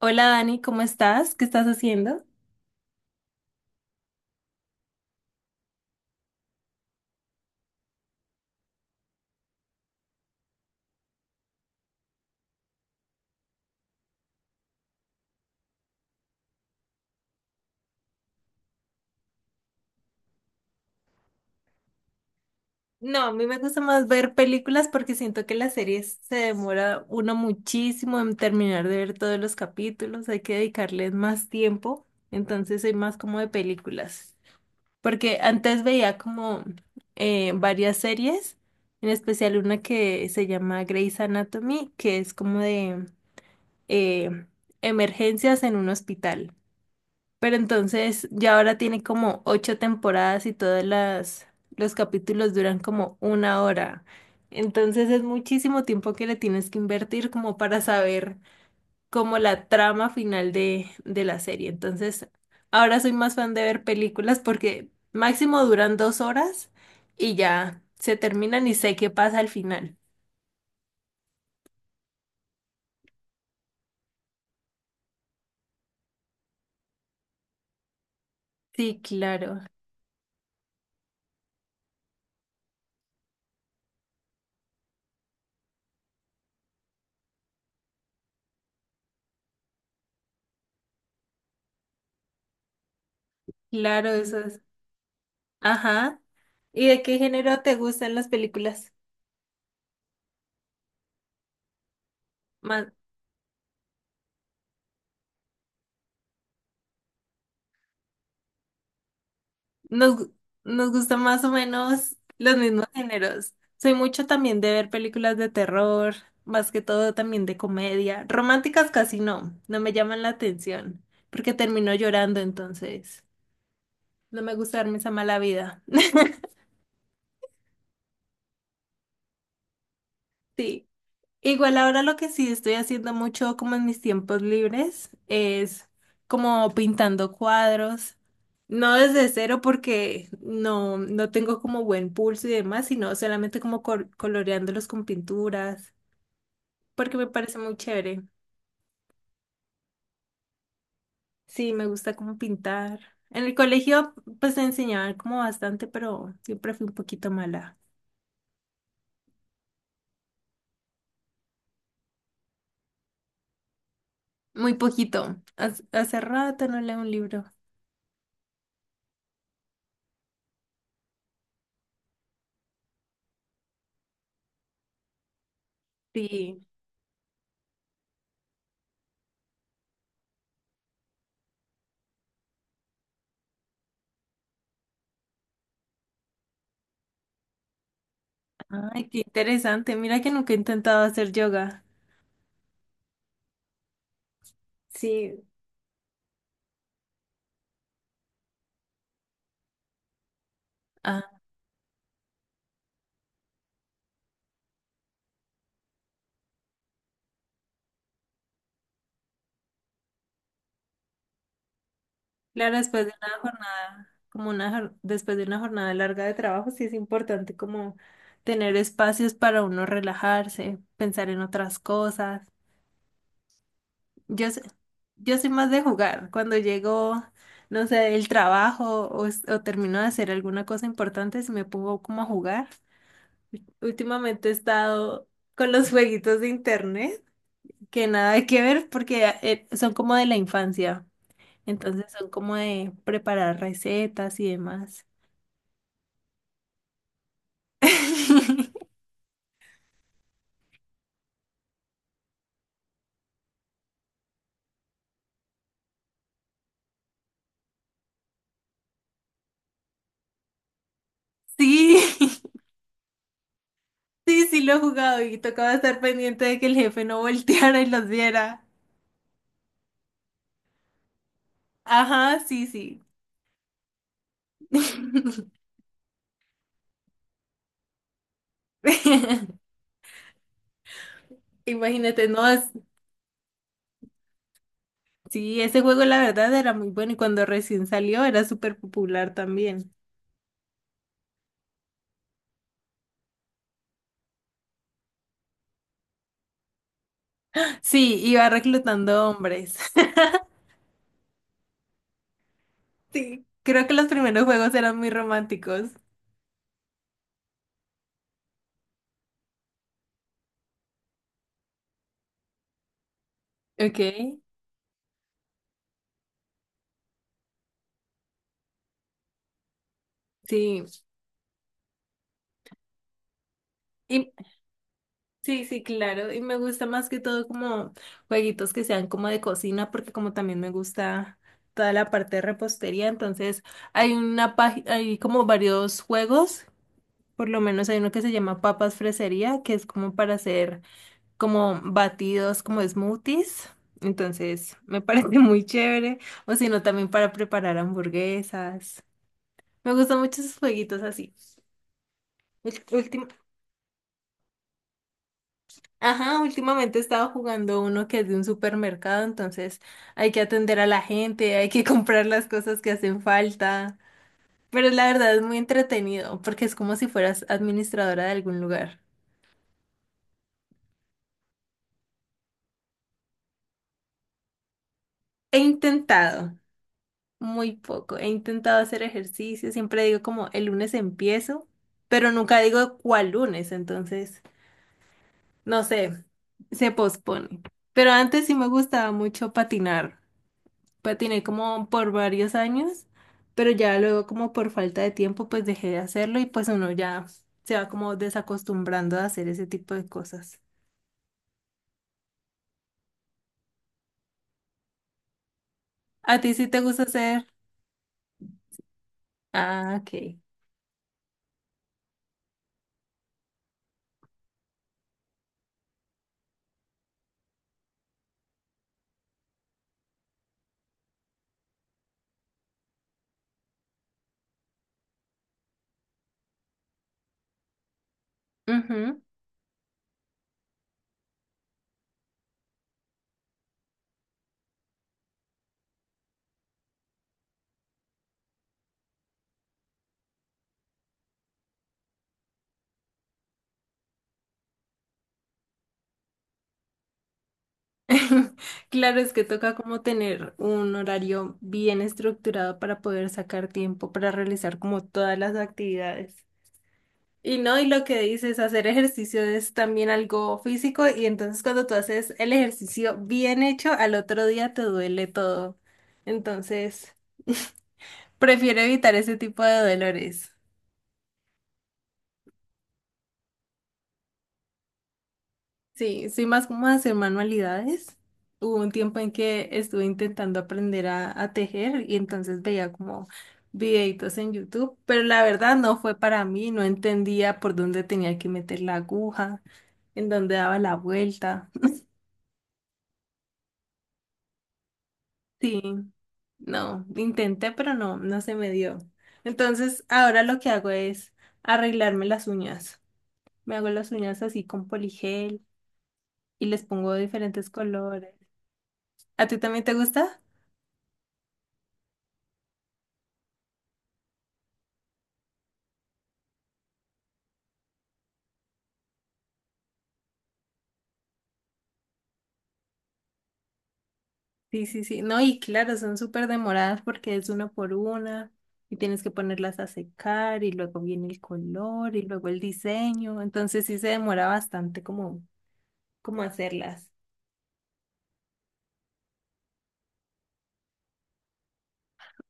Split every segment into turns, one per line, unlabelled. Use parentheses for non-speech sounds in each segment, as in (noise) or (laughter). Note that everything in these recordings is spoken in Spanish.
Hola Dani, ¿cómo estás? ¿Qué estás haciendo? No, a mí me gusta más ver películas porque siento que las series se demora uno muchísimo en terminar de ver todos los capítulos, hay que dedicarles más tiempo, entonces soy más como de películas. Porque antes veía como varias series, en especial una que se llama Grey's Anatomy, que es como de eh, emergencias en un hospital. Pero entonces ya ahora tiene como ocho temporadas y todas las los capítulos duran como una hora. Entonces es muchísimo tiempo que le tienes que invertir como para saber como la trama final de la serie. Entonces ahora soy más fan de ver películas porque máximo duran dos horas y ya se terminan y sé qué pasa al final. Sí, claro, claro, eso es. Ajá. ¿Y de qué género te gustan las películas? Nos, gu- Nos gustan más o menos los mismos géneros. Soy mucho también de ver películas de terror, más que todo también de comedia. Románticas casi no, no me llaman la atención, porque termino llorando entonces. No me gusta darme esa mala vida. (laughs) Sí. Igual ahora lo que sí estoy haciendo mucho como en mis tiempos libres es como pintando cuadros, no desde cero porque no tengo como buen pulso y demás, sino solamente como coloreándolos con pinturas, porque me parece muy chévere. Sí, me gusta como pintar. En el colegio pues me enseñaban como bastante, pero siempre fui un poquito mala. Muy poquito. Hace rato no leo un libro. Sí. Ay, qué interesante. Mira que nunca he intentado hacer yoga. Sí. Ah, claro, después de una jornada, después de una jornada larga de trabajo, sí es importante como tener espacios para uno relajarse, pensar en otras cosas. Yo, s- yo soy más de jugar. Cuando llego, no sé, del trabajo o termino de hacer alguna cosa importante, si me pongo como a jugar. Últimamente he estado con los (laughs) jueguitos de internet, que nada que ver porque son como de la infancia. Entonces son como de preparar recetas y demás. (laughs) Sí, sí lo he jugado y tocaba estar pendiente de que el jefe no volteara y los viera. Ajá, sí, sí. (laughs) Imagínate, no, es- sí, ese juego la verdad era muy bueno y cuando recién salió era súper popular también. Sí, iba reclutando hombres. (laughs) Sí, creo que los primeros juegos eran muy románticos. Ok. Sí, y, sí, sí, claro. Y me gusta más que todo como jueguitos que sean como de cocina, porque como también me gusta toda la parte de repostería, entonces hay una página, hay como varios juegos, por lo menos hay uno que se llama Papas Fresería, que es como para hacer como batidos, como smoothies. Entonces me (laughs) parece muy chévere. O si no, también para preparar hamburguesas. Me gustan mucho esos jueguitos así. Último. Ajá, últimamente he estado jugando uno que es de un supermercado, entonces hay que atender a la gente, hay que (laughs) comprar las cosas que hacen falta. Pero la verdad es muy entretenido porque es como si fueras administradora de algún lugar. He intentado, muy poco, he intentado hacer ejercicio, siempre digo como el lunes empiezo, pero nunca digo cuál lunes, entonces no sé, se pospone. Pero antes sí me gustaba mucho patinar. Patiné como por varios años, pero ya luego como por falta de tiempo pues dejé de hacerlo y pues uno ya se va como desacostumbrando a hacer ese tipo de cosas. ¿A ti sí te gusta hacer? Ah, ok. Ujú. (laughs) Claro, es que toca como tener un horario bien estructurado para poder sacar tiempo para realizar como todas las actividades. Y no, y lo que dices, hacer ejercicio es también algo físico y entonces cuando tú haces el ejercicio bien hecho, al otro día te duele todo. Entonces, prefiero evitar ese tipo de dolores. Sí, soy más como de hacer manualidades. Hubo un tiempo en que estuve intentando aprender a tejer y entonces veía como videitos en YouTube, pero la verdad no fue para mí, no entendía por dónde tenía que meter la aguja, en dónde daba la vuelta. Sí, no, intenté, pero no, no se me dio. Entonces, ahora lo que hago es arreglarme las uñas. Me hago las uñas así con poligel y les pongo diferentes colores. ¿A ti también te gusta? Sí, sí, sí. No, y claro, son súper demoradas porque es una por una y tienes que ponerlas a secar y luego viene el color y luego el diseño. Entonces sí se demora bastante como, como hacerlas.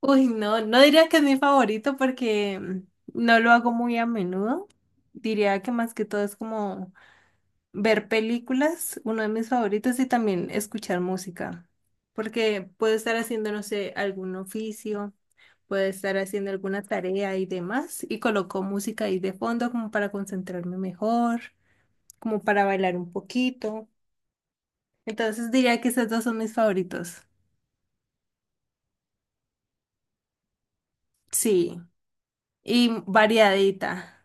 Uy, no, no diría que es mi favorito porque mm, no lo hago muy a menudo. Diría que más que todo es como ver películas, uno de mis favoritos, y también escuchar música. Porque puedo estar haciendo, no sé, algún oficio, puedo estar haciendo alguna tarea y demás, y coloco música ahí de fondo como para concentrarme mejor, como para bailar un poquito. Entonces diría que esos dos son mis favoritos. Sí. Y variadita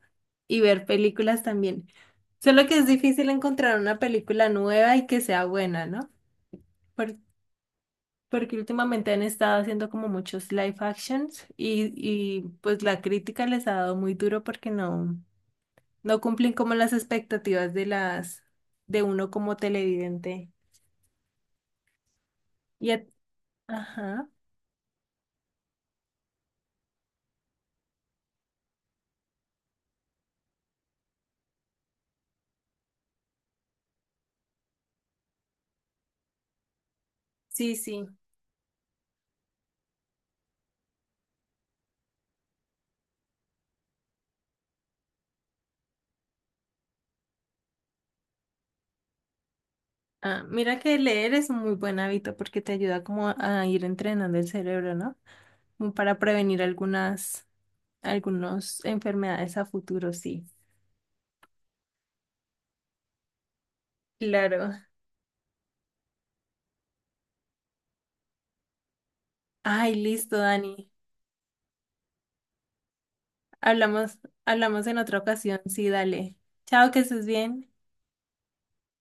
y ver películas también. Solo que es difícil encontrar una película nueva y que sea buena, ¿no? Por- Porque últimamente han estado haciendo como muchos live actions y pues la crítica les ha dado muy duro porque no, no cumplen como las expectativas de las de uno como televidente. Y a- ajá, sí, sí. Ah, mira que leer es un muy buen hábito porque te ayuda como a ir entrenando el cerebro, ¿no? Como para prevenir algunas enfermedades a futuro, sí. Claro. Ay, listo, Dani. Hablamos, hablamos en otra ocasión. Sí, dale. Chao, que estés bien.